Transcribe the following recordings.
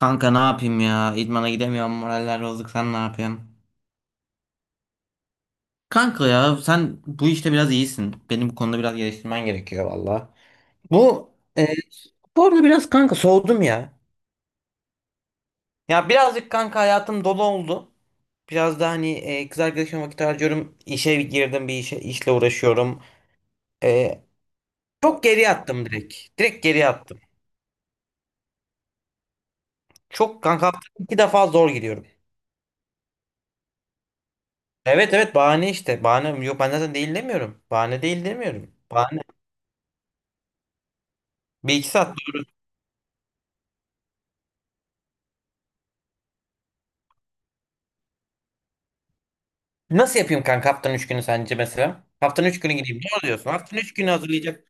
Kanka ne yapayım ya? İdmana gidemiyorum. Moraller bozuk. Sen ne yapıyorsun? Kanka ya sen bu işte biraz iyisin. Benim bu konuda biraz geliştirmen gerekiyor valla. Bu e, sporda biraz kanka soğudum ya. Ya birazcık kanka hayatım dolu oldu. Biraz da hani kız arkadaşıma vakit harcıyorum. İşe girdim bir işe, işle uğraşıyorum. E, Çok geri attım direkt. Direkt geri attım. Çok kanka haftada iki defa zor gidiyorum. Evet, evet, bahane işte. Bahane yok, ben zaten değil demiyorum. Bahane değil demiyorum. Bahane. Bir iki saat. Nasıl yapayım kanka, haftanın 3 günü sence mesela? Haftanın 3 günü gideyim. Ne diyorsun? Haftanın 3 günü hazırlayacak.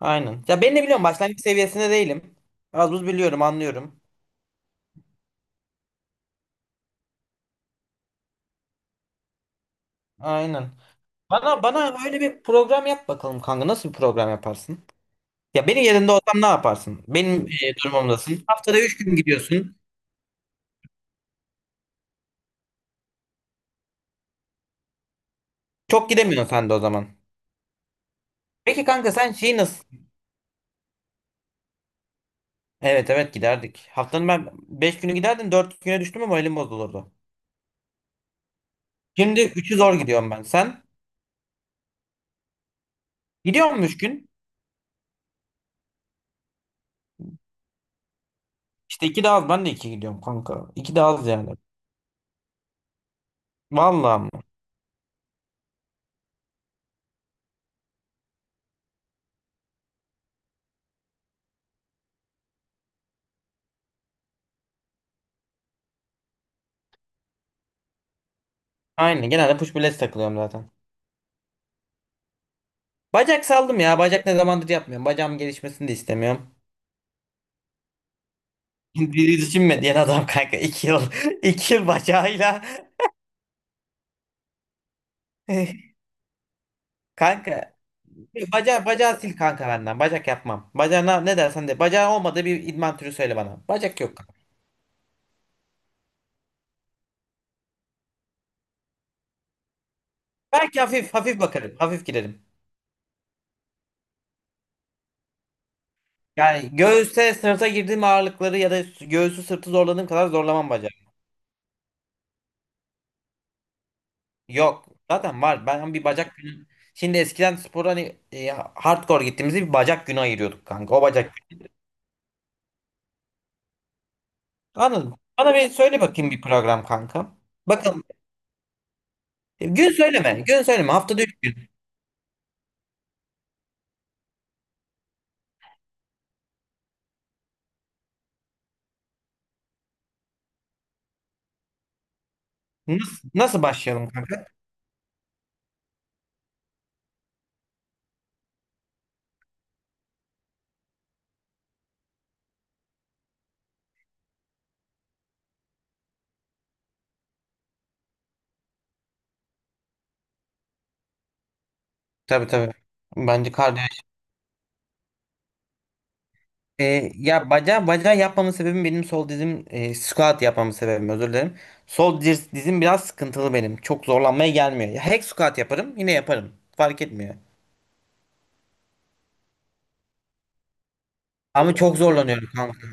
Aynen. Ya ben de biliyorum, başlangıç seviyesinde değilim. Az buz biliyorum, anlıyorum. Aynen. Bana öyle bir program yap bakalım kanka. Nasıl bir program yaparsın? Ya benim yerinde olsam ne yaparsın? Benim durumumdasın. Haftada 3 gün gidiyorsun. Çok gidemiyorsun sen de o zaman. Peki kanka, sen şeyi nasıl? Evet, evet, giderdik. Haftanın ben 5 günü giderdim, 4 güne düştüm ama elim bozulurdu. Şimdi üçü zor gidiyorum ben. Sen? Gidiyor musun 3 gün? İşte iki de az. Ben de iki gidiyorum kanka. İki de az yani. Vallahi ama. Aynen. Genelde push pull legs takılıyorum zaten. Bacak saldım ya. Bacak ne zamandır yapmıyorum. Bacağım gelişmesini de istemiyorum. Diri düşünme düşünmediğin adam kanka. İki yıl. iki yıl bacağıyla. Kanka. Bacağı sil kanka benden. Bacak yapmam. Bacağına ne dersen de. Bacağı olmadığı bir idman türü söyle bana. Bacak yok kanka. Belki hafif hafif bakarım. Hafif girerim. Yani göğüse sırta girdiğim ağırlıkları ya da göğsü sırtı zorladığım kadar zorlamam bacağı. Yok. Zaten var. Ben bir bacak günü. Şimdi eskiden spor hani hardcore gittiğimizde bir bacak günü ayırıyorduk kanka. O bacak günü. Anladım. Bana bir söyle bakayım bir program kanka. Bakın gün söyleme. Gün söyleme. Haftada üç gün. Nasıl başlayalım kanka? Tabii, tabii. Bence kardiyo. Ya bacağı yapmamın sebebim benim sol dizim, squat yapmamın sebebim, özür dilerim. Dizim biraz sıkıntılı benim. Çok zorlanmaya gelmiyor. Ya, hack squat yaparım, yine yaparım. Fark etmiyor. Ama çok zorlanıyorum kanka.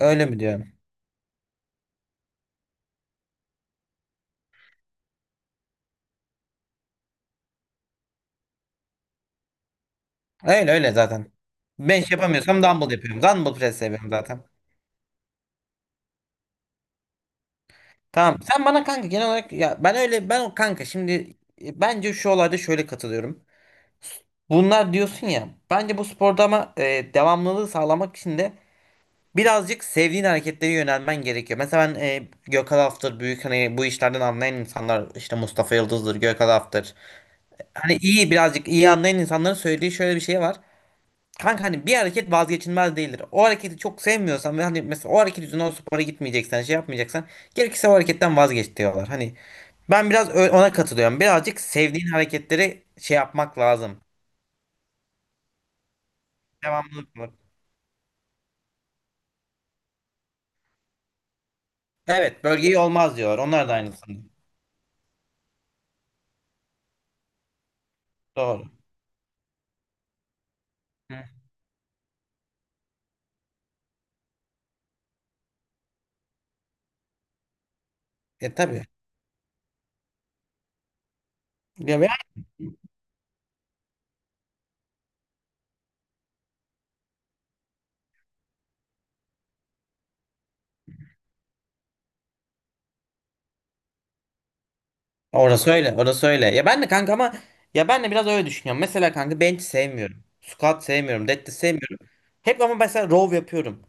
Öyle mi diyorum? Öyle öyle zaten. Bench yapamıyorsam dumbbell yapıyorum. Dumbbell press yapıyorum zaten. Tamam. Sen bana kanka genel olarak ya ben öyle ben o kanka şimdi bence şu olayda şöyle katılıyorum. Bunlar diyorsun ya, bence bu sporda ama devamlılığı sağlamak için de birazcık sevdiğin hareketlere yönelmen gerekiyor. Mesela ben Gökhan Aftır büyük, hani bu işlerden anlayan insanlar işte Mustafa Yıldız'dır, Gökhan Aftır. Hani iyi birazcık iyi anlayan insanların söylediği şöyle bir şey var. Kanka hani bir hareket vazgeçilmez değildir. O hareketi çok sevmiyorsan ve hani mesela o hareket yüzünden o spora gitmeyeceksen, şey yapmayacaksan, gerekirse o hareketten vazgeç diyorlar. Hani ben biraz ona katılıyorum. Birazcık sevdiğin hareketleri şey yapmak lazım. Devamlılık var. Evet, bölgeyi olmaz diyorlar. Onlar da aynısını. Doğru. Hı. E tabii. Ya ben, orası öyle, orası öyle. Ya ben de kanka ama ya ben de biraz öyle düşünüyorum. Mesela kanka bench sevmiyorum. Squat sevmiyorum, deadlift sevmiyorum. Hep ama mesela row yapıyorum.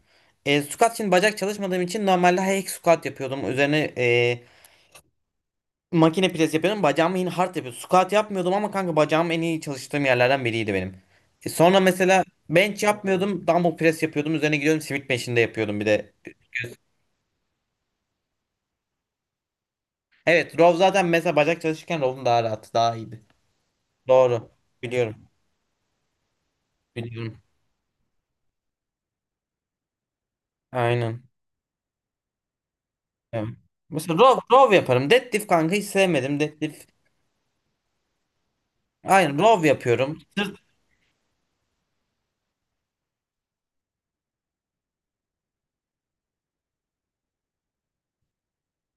Squat için bacak çalışmadığım için normalde hack squat yapıyordum. Üzerine makine pres yapıyordum. Bacağımı yine hard yapıyordum. Squat yapmıyordum ama kanka bacağım en iyi çalıştığım yerlerden biriydi benim. Sonra mesela bench yapmıyordum. Dumbbell press yapıyordum. Üzerine gidiyordum, Smith machine'de yapıyordum bir de. Evet row zaten, mesela bacak çalışırken row'un daha rahat. Daha iyiydi. Doğru. Biliyorum. Biliyorum. Aynen. Evet. Mesela row yaparım. Deadlift kanka hiç sevmedim. Deadlift. Aynen row yapıyorum. Sırt.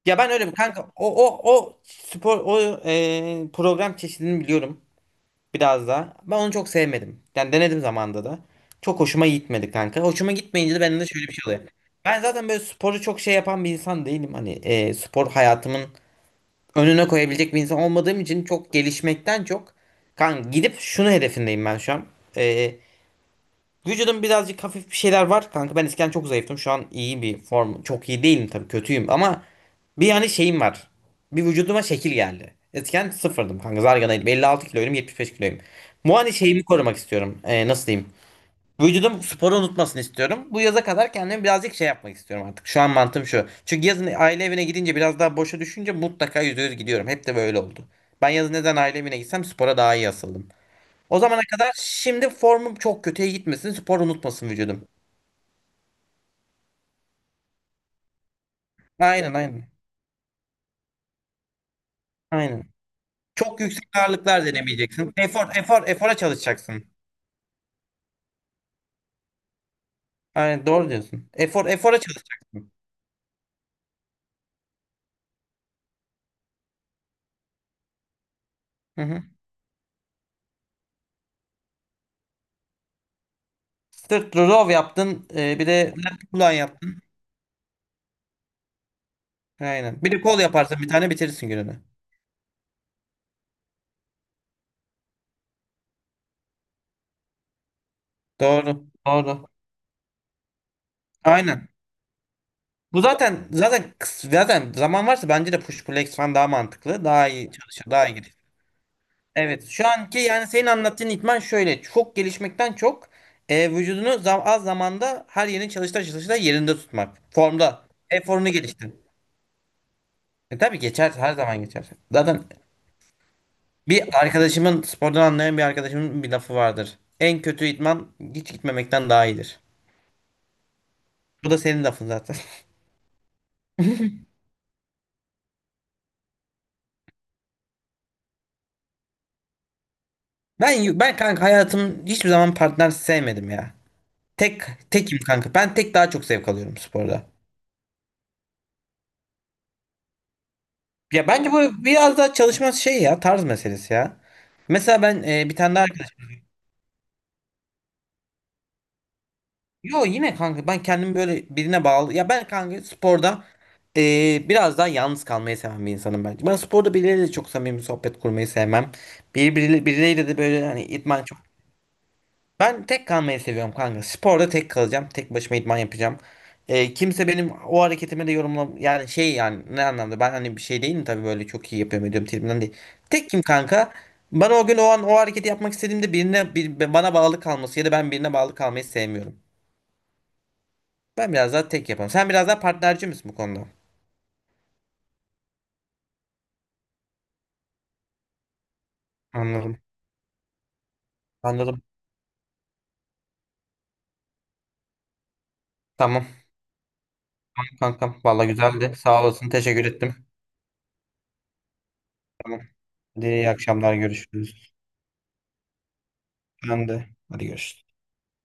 Ya ben öyle bir kanka o spor o, program çeşidini biliyorum biraz da. Ben onu çok sevmedim. Yani denedim zamanda da. Çok hoşuma gitmedi kanka. Hoşuma gitmeyince de bende de şöyle bir şey oluyor. Ben zaten böyle sporu çok şey yapan bir insan değilim. Hani spor hayatımın önüne koyabilecek bir insan olmadığım için, çok gelişmekten çok kanka gidip şunu hedefindeyim ben şu an. E, Vücudum birazcık hafif bir şeyler var kanka. Ben eskiden çok zayıftım. Şu an iyi bir form. Çok iyi değilim tabii, kötüyüm ama bir yani şeyim var. Bir vücuduma şekil geldi. Eskiden sıfırdım kanka, zarganaydım. 56 kiloyum, 75 kiloyum. Bu hani şeyimi korumak istiyorum. Nasıl diyeyim? Vücudum sporu unutmasını istiyorum. Bu yaza kadar kendimi birazcık şey yapmak istiyorum artık. Şu an mantığım şu. Çünkü yazın aile evine gidince biraz daha boşa düşünce mutlaka %100 gidiyorum. Hep de böyle oldu. Ben yazın neden aile evine gitsem spora daha iyi asıldım. O zamana kadar şimdi formum çok kötüye gitmesin. Spor unutmasın vücudum. Aynen, aynen. Aynen. Çok yüksek ağırlıklar denemeyeceksin. Efora çalışacaksın. Aynen doğru diyorsun. Efora çalışacaksın. Hı hı. Sırt row yaptın. Bir de lat pull yaptın. Aynen. Bir de kol yaparsın, bir tane bitirirsin gününü. Doğru. Doğru. Aynen. Bu zaten zaman varsa bence de push pull legs falan daha mantıklı. Daha iyi çalışır. Daha iyi. Evet, şu anki yani senin anlattığın idman şöyle, çok gelişmekten çok vücudunu az zamanda her yerini çalışta yerinde tutmak. Formda. Hep formunu geliştir. E, tabii geçer, her zaman geçer. Zaten bir arkadaşımın bir lafı vardır. En kötü idman hiç gitmemekten daha iyidir. Bu da senin lafın zaten. Ben kanka hayatım hiçbir zaman partner sevmedim ya. Tek tekim kanka. Ben tek daha çok zevk alıyorum sporda. Ya bence bu biraz daha çalışma şey ya, tarz meselesi ya. Mesela ben, bir tane daha arkadaşım. Yo, yine kanka ben kendimi böyle birine bağlı. Ya ben kanka sporda biraz daha yalnız kalmayı seven bir insanım bence. Ben sporda birileriyle de çok samimi sohbet kurmayı sevmem. Birileriyle de böyle hani idman çok. Ben tek kalmayı seviyorum kanka. Sporda tek kalacağım. Tek başıma idman yapacağım. Kimse benim o hareketimi de yorumla, yani şey, yani ne anlamda, ben hani bir şey değilim tabii, böyle çok iyi yapıyorum ediyorum tribimden değil. Tekim kanka. Bana o gün o an o hareketi yapmak istediğimde bana bağlı kalması ya da ben birine bağlı kalmayı sevmiyorum. Ben biraz daha tek yaparım. Sen biraz daha partnerci misin bu konuda? Anladım. Anladım. Tamam. Tamam kankam. Valla güzeldi. Sağ olasın. Teşekkür ettim. Tamam. Hadi iyi akşamlar, görüşürüz. Ben de. Hadi görüşürüz.